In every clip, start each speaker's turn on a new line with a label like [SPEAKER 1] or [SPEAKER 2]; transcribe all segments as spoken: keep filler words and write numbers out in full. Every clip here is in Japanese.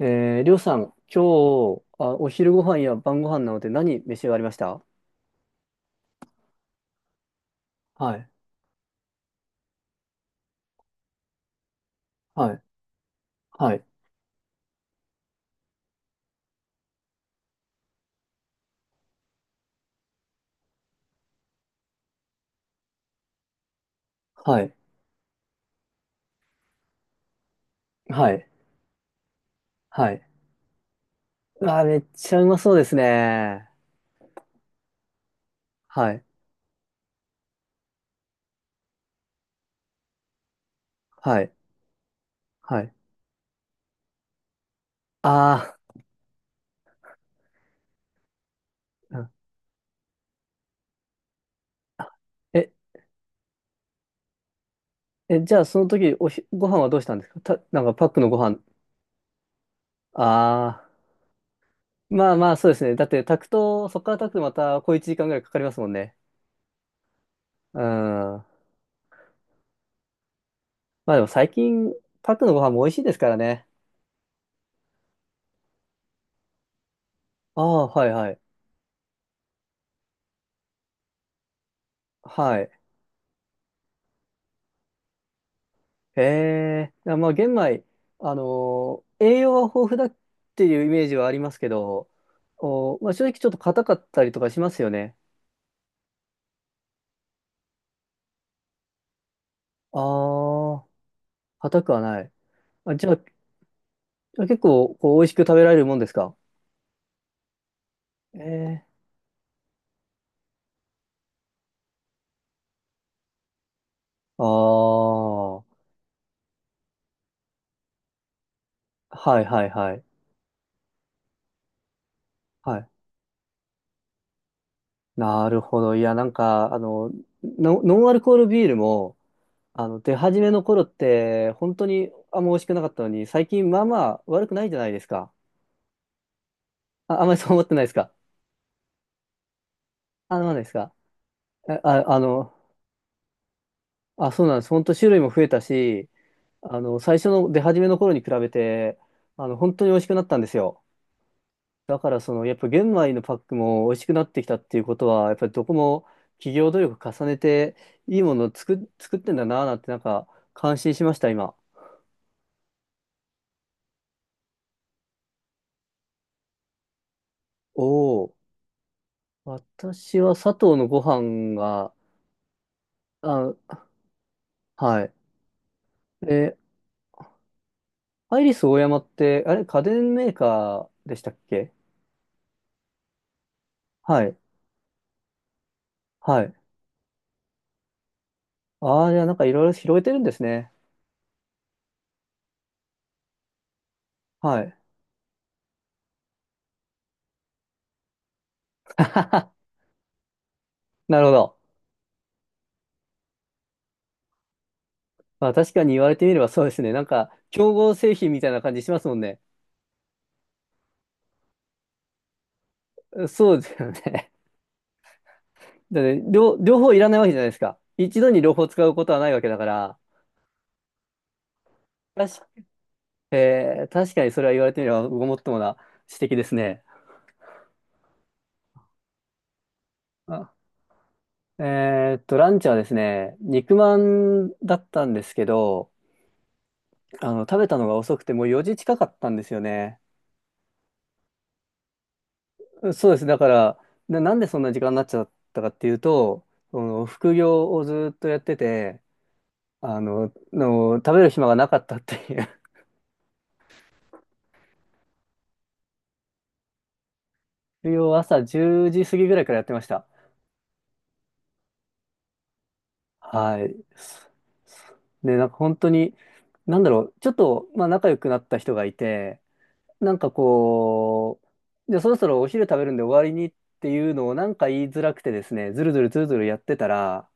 [SPEAKER 1] えー、りょうさん、今日、あ、お昼ご飯や晩ご飯なので何召し上がりました？はい、はい、はい、はい、はい、はい。あ、めっちゃうまそうですね。はい、はい、はい。あー、うん。あえ、え、じゃあその時、おひ、ご飯はどうしたんですか？た、なんかパックのご飯？ああ、まあまあそうですね。だって炊くと、そこから炊くとまた小いちじかんぐらいかかりますもんね。うん。まあでも最近、パックのご飯も美味しいですからね。ああ、はい、はい。はい。へえ、あ、まあ玄米、あのー栄養は豊富だっていうイメージはありますけど、お、まあ、正直ちょっと硬かったりとかしますよね。ああ、硬くはない。あ、じゃあ、じゃあ結構こう美味しく食べられるもんですか？ええ。ああ、はいはいはい。はい。なるほど。いや、なんか、あの、ノノンアルコールビールも、あの、出始めの頃って、本当にあんま美味しくなかったのに、最近まあまあ悪くないじゃないですか。あ、あんまりそう思ってないですか？あ、なんですか？あ、ああの、あ、そうなんです。本当種類も増えたし、あの、最初の出始めの頃に比べて、あの、本当に美味しくなったんですよ。だから、その、やっぱ玄米のパックも美味しくなってきたっていうことは、やっぱりどこも企業努力重ねて、いいものを作、作ってんだなぁなんて、なんか、感心しました、今。おお、私は佐藤のご飯が、あ、はい。え、アイリスオーヤマって、あれ、家電メーカーでしたっけ？はい。はい。ああ、じゃあなんかいろいろ広げてるんですね。はい。なるほど。まあ確かに言われてみればそうですね。なんか、競合製品みたいな感じしますもんね。そうですよね。だって両、両方いらないわけじゃないですか。一度に両方使うことはないわけだから。確か、えー確かにそれは言われてみればごもっともな指摘ですね。あ。えーっと、ランチはですね、肉まんだったんですけど、あの、食べたのが遅くてもうよじ近かったんですよね。そうです。だから、な、なんでそんな時間になっちゃったかっていうと、その副業をずっとやってて、あの、の食べる暇がなかったっていう。副業を朝じゅうじ過ぎぐらいからやってました。はい。すすで、なんか本当に、なんだろう、ちょっと、まあ仲良くなった人がいて、なんかこう、じゃあそろそろお昼食べるんで終わりにっていうのをなんか言いづらくてですね、ずるずるずるずるやってたら、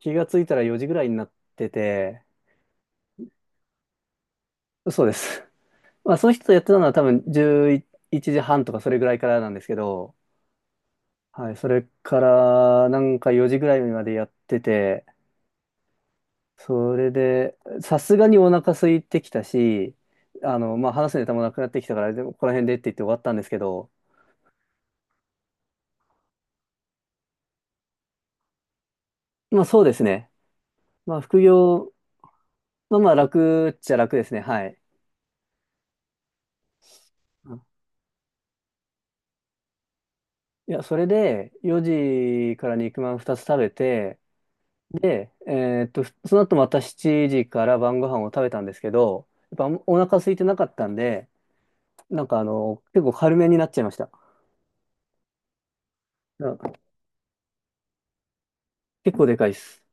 [SPEAKER 1] 気がついたらよじぐらいになってて、そうです。まあ、その人とやってたのは多分じゅういちじはんとかそれぐらいからなんですけど、はい、それからなんかよじぐらいまでやってて、それで、さすがにお腹空いてきたし、あの、まあ、話すネタもなくなってきたから、でもここら辺でって言って終わったんですけど、まあ、そうですね。まあ、副業、まあ、まあ、楽っちゃ楽ですね。はい。うん。いや、それでよじから肉まんふたつ食べて、で、えーっと、その後またしちじから晩ご飯を食べたんですけど、やっぱあんお腹空いてなかったんで、なんかあの、結構軽めになっちゃいました。うん。結構でかいです。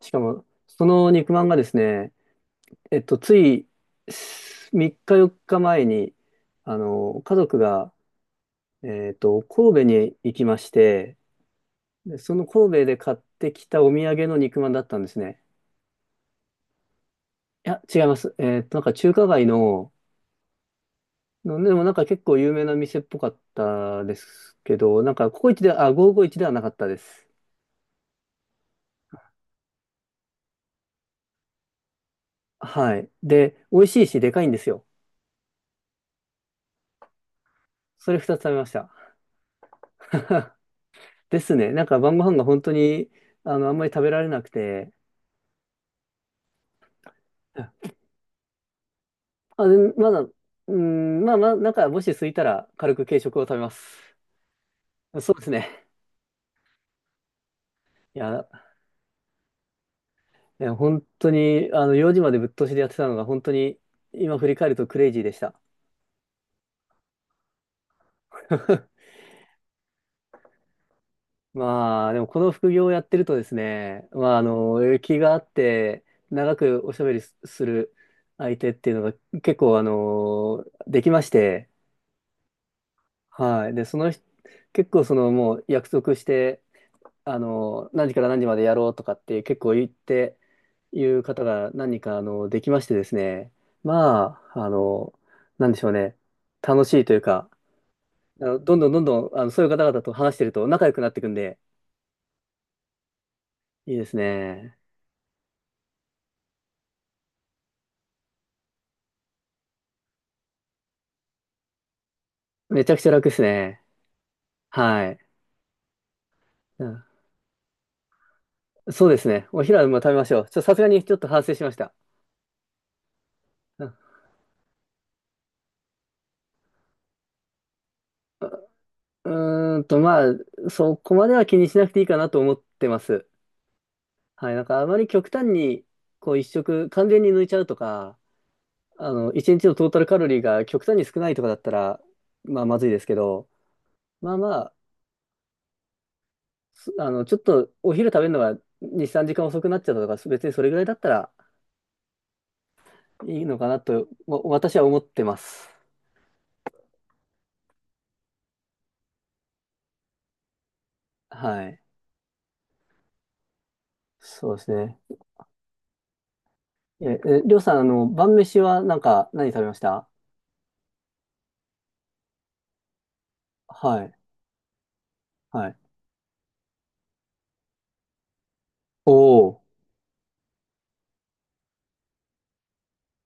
[SPEAKER 1] しかも、その肉まんがですね、えっと、ついみっかよっかまえに、あの、家族が、えっと、神戸に行きまして、でその神戸で買ってきたお土産の肉まんだったんですね。いや、違います。えっと、なんか中華街の、でもなんか結構有名な店っぽかったですけど、なんかココイチで、あ、ごーごーいちではなかったです。はい。で、美味しいし、でかいんですよ。それふたつ食べました。ですね。なんか晩ご飯が本当に、あの、あんまり食べられなくて、あ、で、まだ、うーん、まあまあ、なんかもし空いたら軽く軽食を食べます。そうですね。いや、いや本当に、あの、よじまでぶっ通しでやってたのが本当に、今振り返るとクレイジーでした。まあ、でもこの副業をやってるとですね、まあ、あの、気があって、長くおしゃべりすする相手っていうのが結構、あの、できまして、はい。で、その人、結構、その、もう約束して、あの、何時から何時までやろうとかって結構言って、いう方が何人か、あの、できましてですね、まあ、あの、なんでしょうね、楽しいというか、あのどんどんどんどん、あの、そういう方々と話してると仲良くなっていくんで、いいですね。めちゃくちゃ楽ですね。はい。うん、そうですね。お昼はまあ食べましょう。ちょ、さすがにちょっと反省しました。うん。うーんと、まあ、そこまでは気にしなくていいかなと思ってます。はい。なんかあまり極端に、こう一食完全に抜いちゃうとか、あの、一日のトータルカロリーが極端に少ないとかだったら、まあまずいですけど、まあまあ、すあの、ちょっとお昼食べるのがに、さんじかん遅くなっちゃったとか、別にそれぐらいだったらいいのかなと、わ私は思ってます。はい。そうですね。え、え、りょうさん、あの、晩飯はなんか何食べました？はい、はい。おー、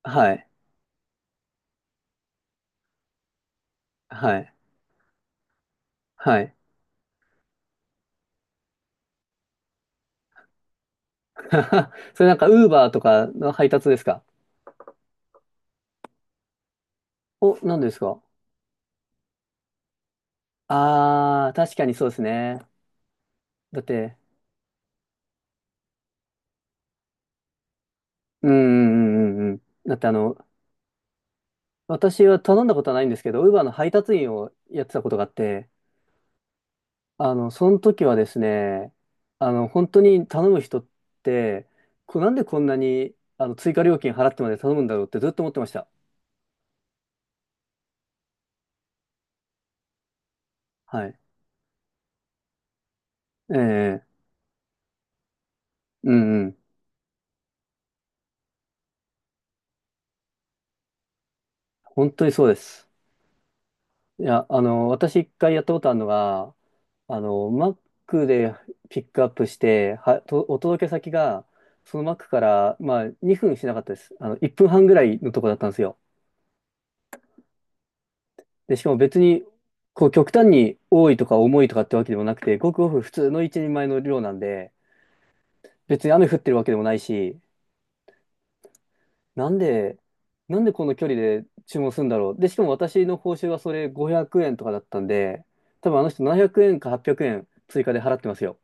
[SPEAKER 1] はい、はい、はい。それなんか、ウーバーとかの配達ですか？お、何ですか？あー、確かにそうですね。だって、うんうんうんうんうん。だってあの、私は頼んだことはないんですけど、ウーバーの配達員をやってたことがあって、あの、その時はですね、あの、本当に頼む人って、こなんでこんなにあの追加料金払ってまで頼むんだろうってずっと思ってました。はい。ええ、うんうん。本当にそうです。いや、あの、私一回やったことあるのが、あの、Mac でピックアップして、は、と、お届け先が、その Mac から、まあ、にふんしなかったです。あの、いっぷんはんぐらいのとこだったんですよ。で、しかも別に、こう、極端に多いとか重いとかってわけでもなくて、ごくごく普通の一人前の量なんで、別に雨降ってるわけでもないし、なんで、なんでこの距離で注文するんだろう。で、しかも私の報酬はそれごひゃくえんとかだったんで、多分あの人ななひゃくえんかはっぴゃくえん追加で払ってますよ。